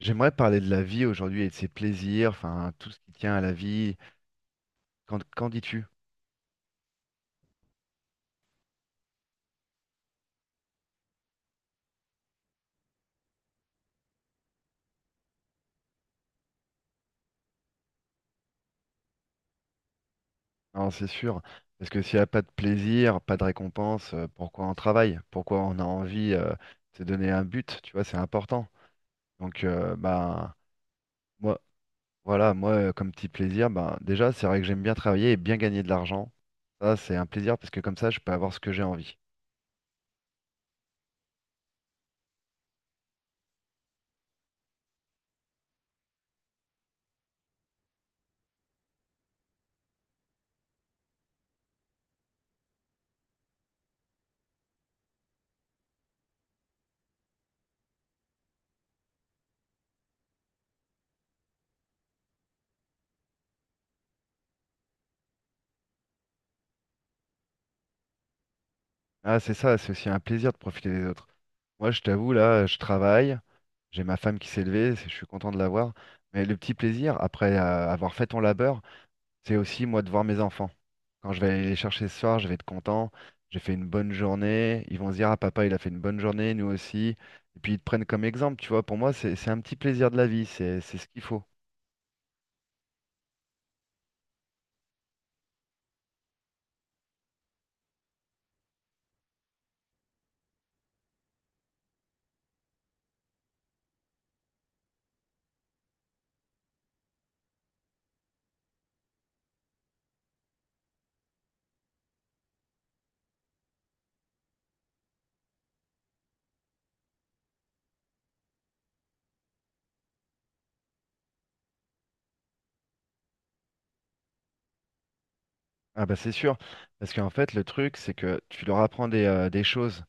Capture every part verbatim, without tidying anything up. J'aimerais parler de la vie aujourd'hui et de ses plaisirs, enfin tout ce qui tient à la vie. Qu'en qu'en dis-tu? Non, c'est sûr. Parce que s'il n'y a pas de plaisir, pas de récompense, euh, pourquoi on travaille? Pourquoi on a envie euh, de se donner un but, tu vois, c'est important. Donc euh, bah moi voilà, moi euh, comme petit plaisir, bah, déjà c'est vrai que j'aime bien travailler et bien gagner de l'argent. Ça, c'est un plaisir parce que comme ça, je peux avoir ce que j'ai envie. Ah, c'est ça, c'est aussi un plaisir de profiter des autres. Moi, je t'avoue, là, je travaille. J'ai ma femme qui s'est levée, je suis content de la voir. Mais le petit plaisir, après euh, avoir fait ton labeur, c'est aussi moi de voir mes enfants. Quand je vais aller les chercher ce soir, je vais être content. J'ai fait une bonne journée. Ils vont se dire, ah papa, il a fait une bonne journée, nous aussi. Et puis ils te prennent comme exemple, tu vois. Pour moi, c'est c'est un petit plaisir de la vie, c'est c'est ce qu'il faut. Ah bah c'est sûr, parce qu'en fait, le truc, c'est que tu leur apprends des, euh, des choses.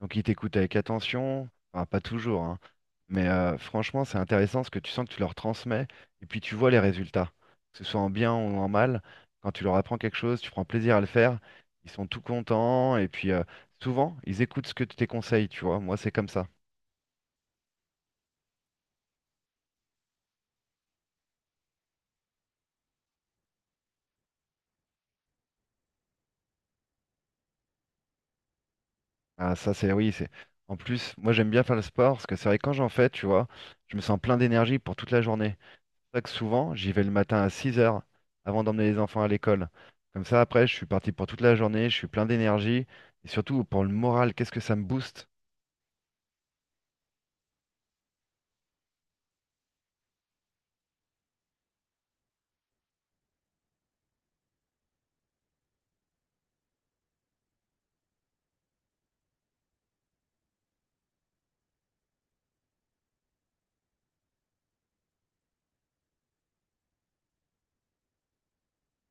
Donc ils t'écoutent avec attention, enfin pas toujours, hein. Mais euh, franchement, c'est intéressant parce que tu sens que tu leur transmets et puis tu vois les résultats, que ce soit en bien ou en mal. Quand tu leur apprends quelque chose, tu prends plaisir à le faire, ils sont tout contents et puis euh, souvent ils écoutent ce que tu tes conseils, tu vois. Moi, c'est comme ça. Ah, ça, c'est oui, c'est. En plus, moi, j'aime bien faire le sport parce que c'est vrai que quand j'en fais, tu vois, je me sens plein d'énergie pour toute la journée. C'est pour ça que souvent, j'y vais le matin à six heures avant d'emmener les enfants à l'école. Comme ça, après, je suis parti pour toute la journée, je suis plein d'énergie. Et surtout, pour le moral, qu'est-ce que ça me booste?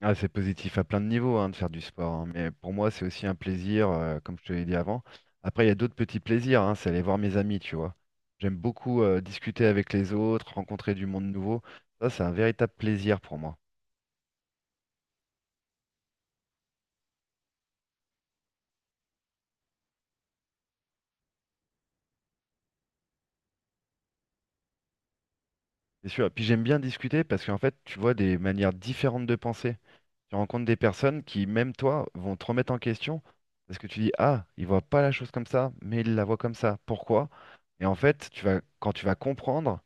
Ah, c'est positif à plein de niveaux hein, de faire du sport. Hein, mais pour moi, c'est aussi un plaisir, euh, comme je te l'ai dit avant. Après, il y a d'autres petits plaisirs. Hein, c'est aller voir mes amis, tu vois. J'aime beaucoup euh, discuter avec les autres, rencontrer du monde nouveau. Ça, c'est un véritable plaisir pour moi. C'est sûr. Et puis, j'aime bien discuter parce qu'en fait, tu vois des manières différentes de penser. Tu rencontres des personnes qui, même toi, vont te remettre en question parce que tu dis, ah, il voit pas la chose comme ça, mais il la voit comme ça. Pourquoi? Et en fait, tu vas, quand tu vas comprendre,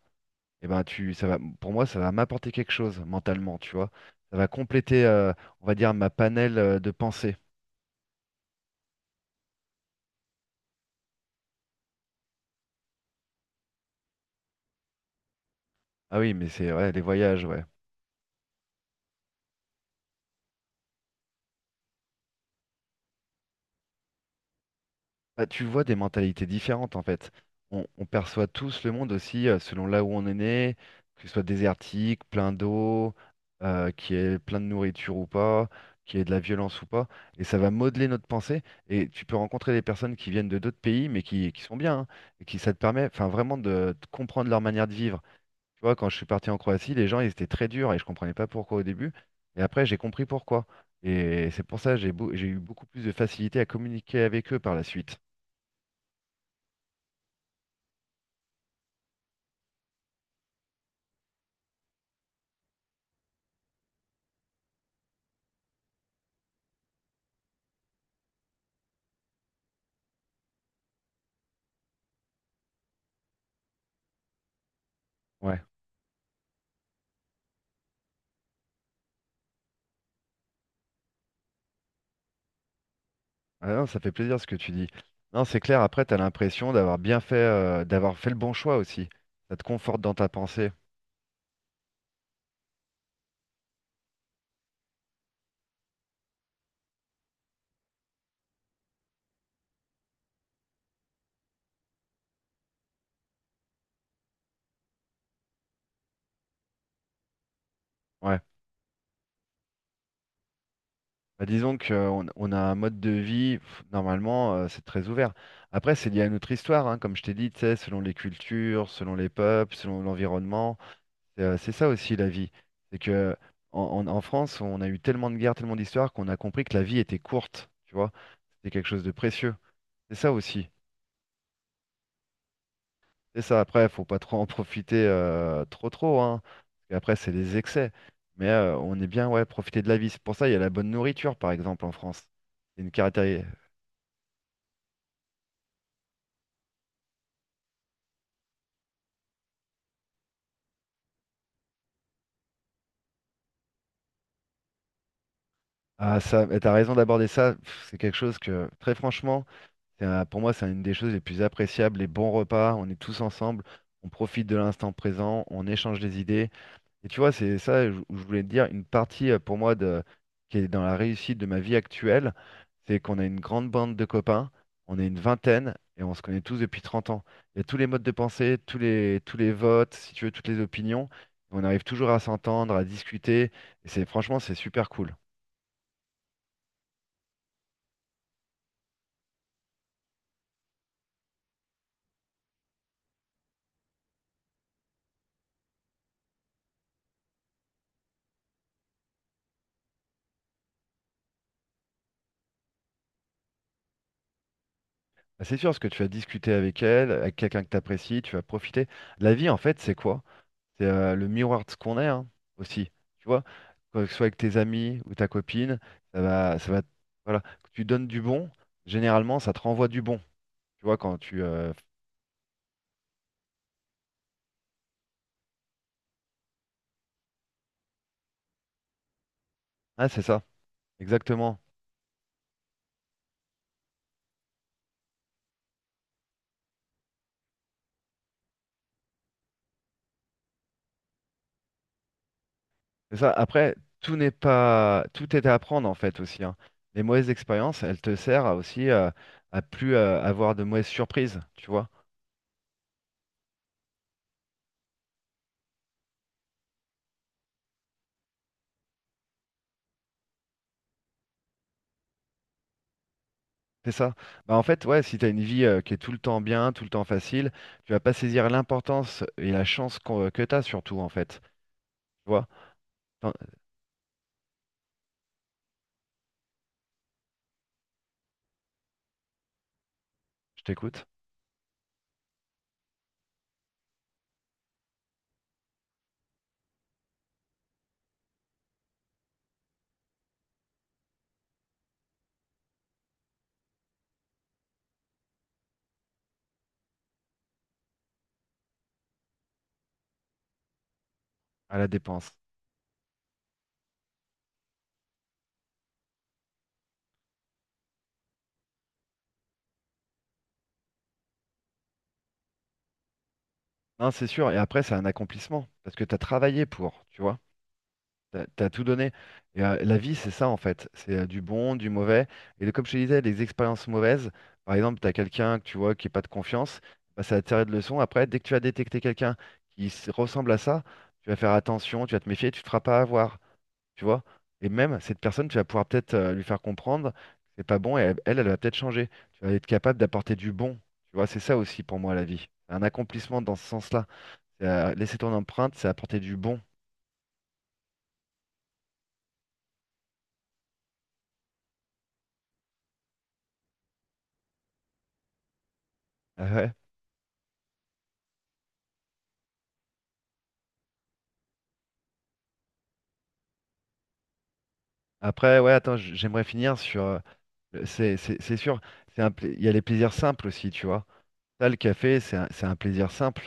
eh ben, tu, ça va, pour moi, ça va m'apporter quelque chose mentalement, tu vois. Ça va compléter, euh, on va dire, ma panel euh, de pensée. Ah oui, mais c'est ouais, les voyages, ouais. Bah, tu vois des mentalités différentes en fait. On, on perçoit tous le monde aussi euh, selon là où on est né, que ce soit désertique, plein d'eau, euh, qu'il y ait plein de nourriture ou pas, qu'il y ait de la violence ou pas. Et ça va modeler notre pensée. Et tu peux rencontrer des personnes qui viennent de d'autres pays mais qui, qui sont bien. Hein, et qui ça te permet enfin, vraiment de, de comprendre leur manière de vivre. Tu vois, quand je suis parti en Croatie, les gens ils étaient très durs et je comprenais pas pourquoi au début. Et après j'ai compris pourquoi. Et c'est pour ça que j'ai beau- j'ai eu beaucoup plus de facilité à communiquer avec eux par la suite. Ouais, ah non, ça fait plaisir ce que tu dis. Non, c'est clair, après, tu as l'impression d'avoir bien fait, euh, d'avoir fait le bon choix aussi. Ça te conforte dans ta pensée. Ouais. Bah, disons qu'on on a un mode de vie, pff, normalement, euh, c'est très ouvert. Après, c'est lié à notre histoire, hein, comme je t'ai dit, tu sais, selon les cultures, selon les peuples, selon l'environnement. C'est euh, c'est ça aussi la vie. C'est que en, en- en France, on a eu tellement de guerres, tellement d'histoires qu'on a compris que la vie était courte, tu vois. C'est quelque chose de précieux. C'est ça aussi. C'est ça, après, faut pas trop en profiter euh, trop trop, hein. Parce qu'après, c'est les excès. Mais euh, on est bien, ouais, profiter de la vie. C'est pour ça, il y a la bonne nourriture, par exemple, en France. C'est une caractéristique. Ah, ça, mais t'as raison d'aborder ça. Pff, c'est quelque chose que, très franchement, c'est un- pour moi, c'est une des choses les plus appréciables. Les bons repas, on est tous ensemble, on profite de l'instant présent, on échange des idées. Et tu vois, c'est ça où je voulais te dire, une partie euh, pour moi de, qui est dans la réussite de ma vie actuelle, c'est qu'on a une grande bande de copains, on est une vingtaine et on se connaît tous depuis trente ans. Il y a tous les modes de pensée, tous les, tous les votes, si tu veux, toutes les opinions. On arrive toujours à s'entendre, à discuter. Et c'est franchement, c'est super cool. Bah, c'est sûr, ce que tu vas discuter avec elle, avec quelqu'un que tu apprécies, tu vas profiter. La vie, en fait, c'est quoi? C'est euh, le miroir de ce qu'on est hein, aussi. Tu vois, que ce soit avec tes amis ou ta copine, ça va, ça va, voilà, que tu donnes du bon, généralement, ça te renvoie du bon. Tu vois, quand tu, euh, ah, c'est ça, exactement. C'est ça. Après, tout n'est pas, tout est à apprendre en fait aussi. Hein. Les mauvaises expériences, elles te servent à aussi euh, à plus euh, avoir de mauvaises surprises. Tu vois, c'est ça. Bah en fait, ouais, si t'as une vie euh, qui est tout le temps bien, tout le temps facile, tu vas pas saisir l'importance et la chance qu'on- que t'as surtout en fait. Tu vois attends, je t'écoute. À la dépense. Non, c'est sûr. Et après, c'est un accomplissement. Parce que tu as travaillé pour, tu vois. Tu as, tout donné. Et euh, la vie, c'est ça, en fait. C'est euh, du bon, du mauvais. Et de- comme je te disais, les expériences mauvaises, par exemple, tu as quelqu'un que tu vois qui n'a pas de confiance, bah, ça va te servir de leçon. Après, dès que tu vas détecter quelqu'un qui s- ressemble à ça, tu vas faire attention, tu vas te méfier, tu ne te feras pas avoir. Tu vois. Et même cette personne, tu vas pouvoir peut-être euh, lui faire comprendre que c'est pas bon et elle, elle elle va peut-être changer. Tu vas être capable d'apporter du bon, tu vois. C'est ça aussi pour moi la vie. C'est un accomplissement dans ce sens-là. C'est, euh, laisser ton empreinte, c'est apporter du bon. Ah ouais. Après, ouais, attends, j- j'aimerais finir sur. euh, le- c'est c'est- c'est sûr, c'est un pla- il y a les plaisirs simples aussi, tu vois. Ça, le café, c'est un, c'est un plaisir simple.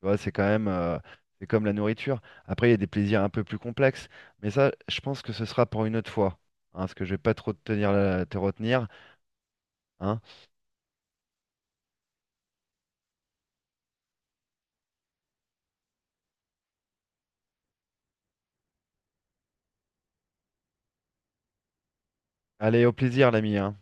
Tu vois, c'est quand même, euh, c'est comme la nourriture. Après, il y a des plaisirs un peu plus complexes, mais ça, je pense que ce sera pour une autre fois, hein, parce que je vais pas trop te tenir, la- te retenir, hein. Allez, au plaisir, l'ami, hein.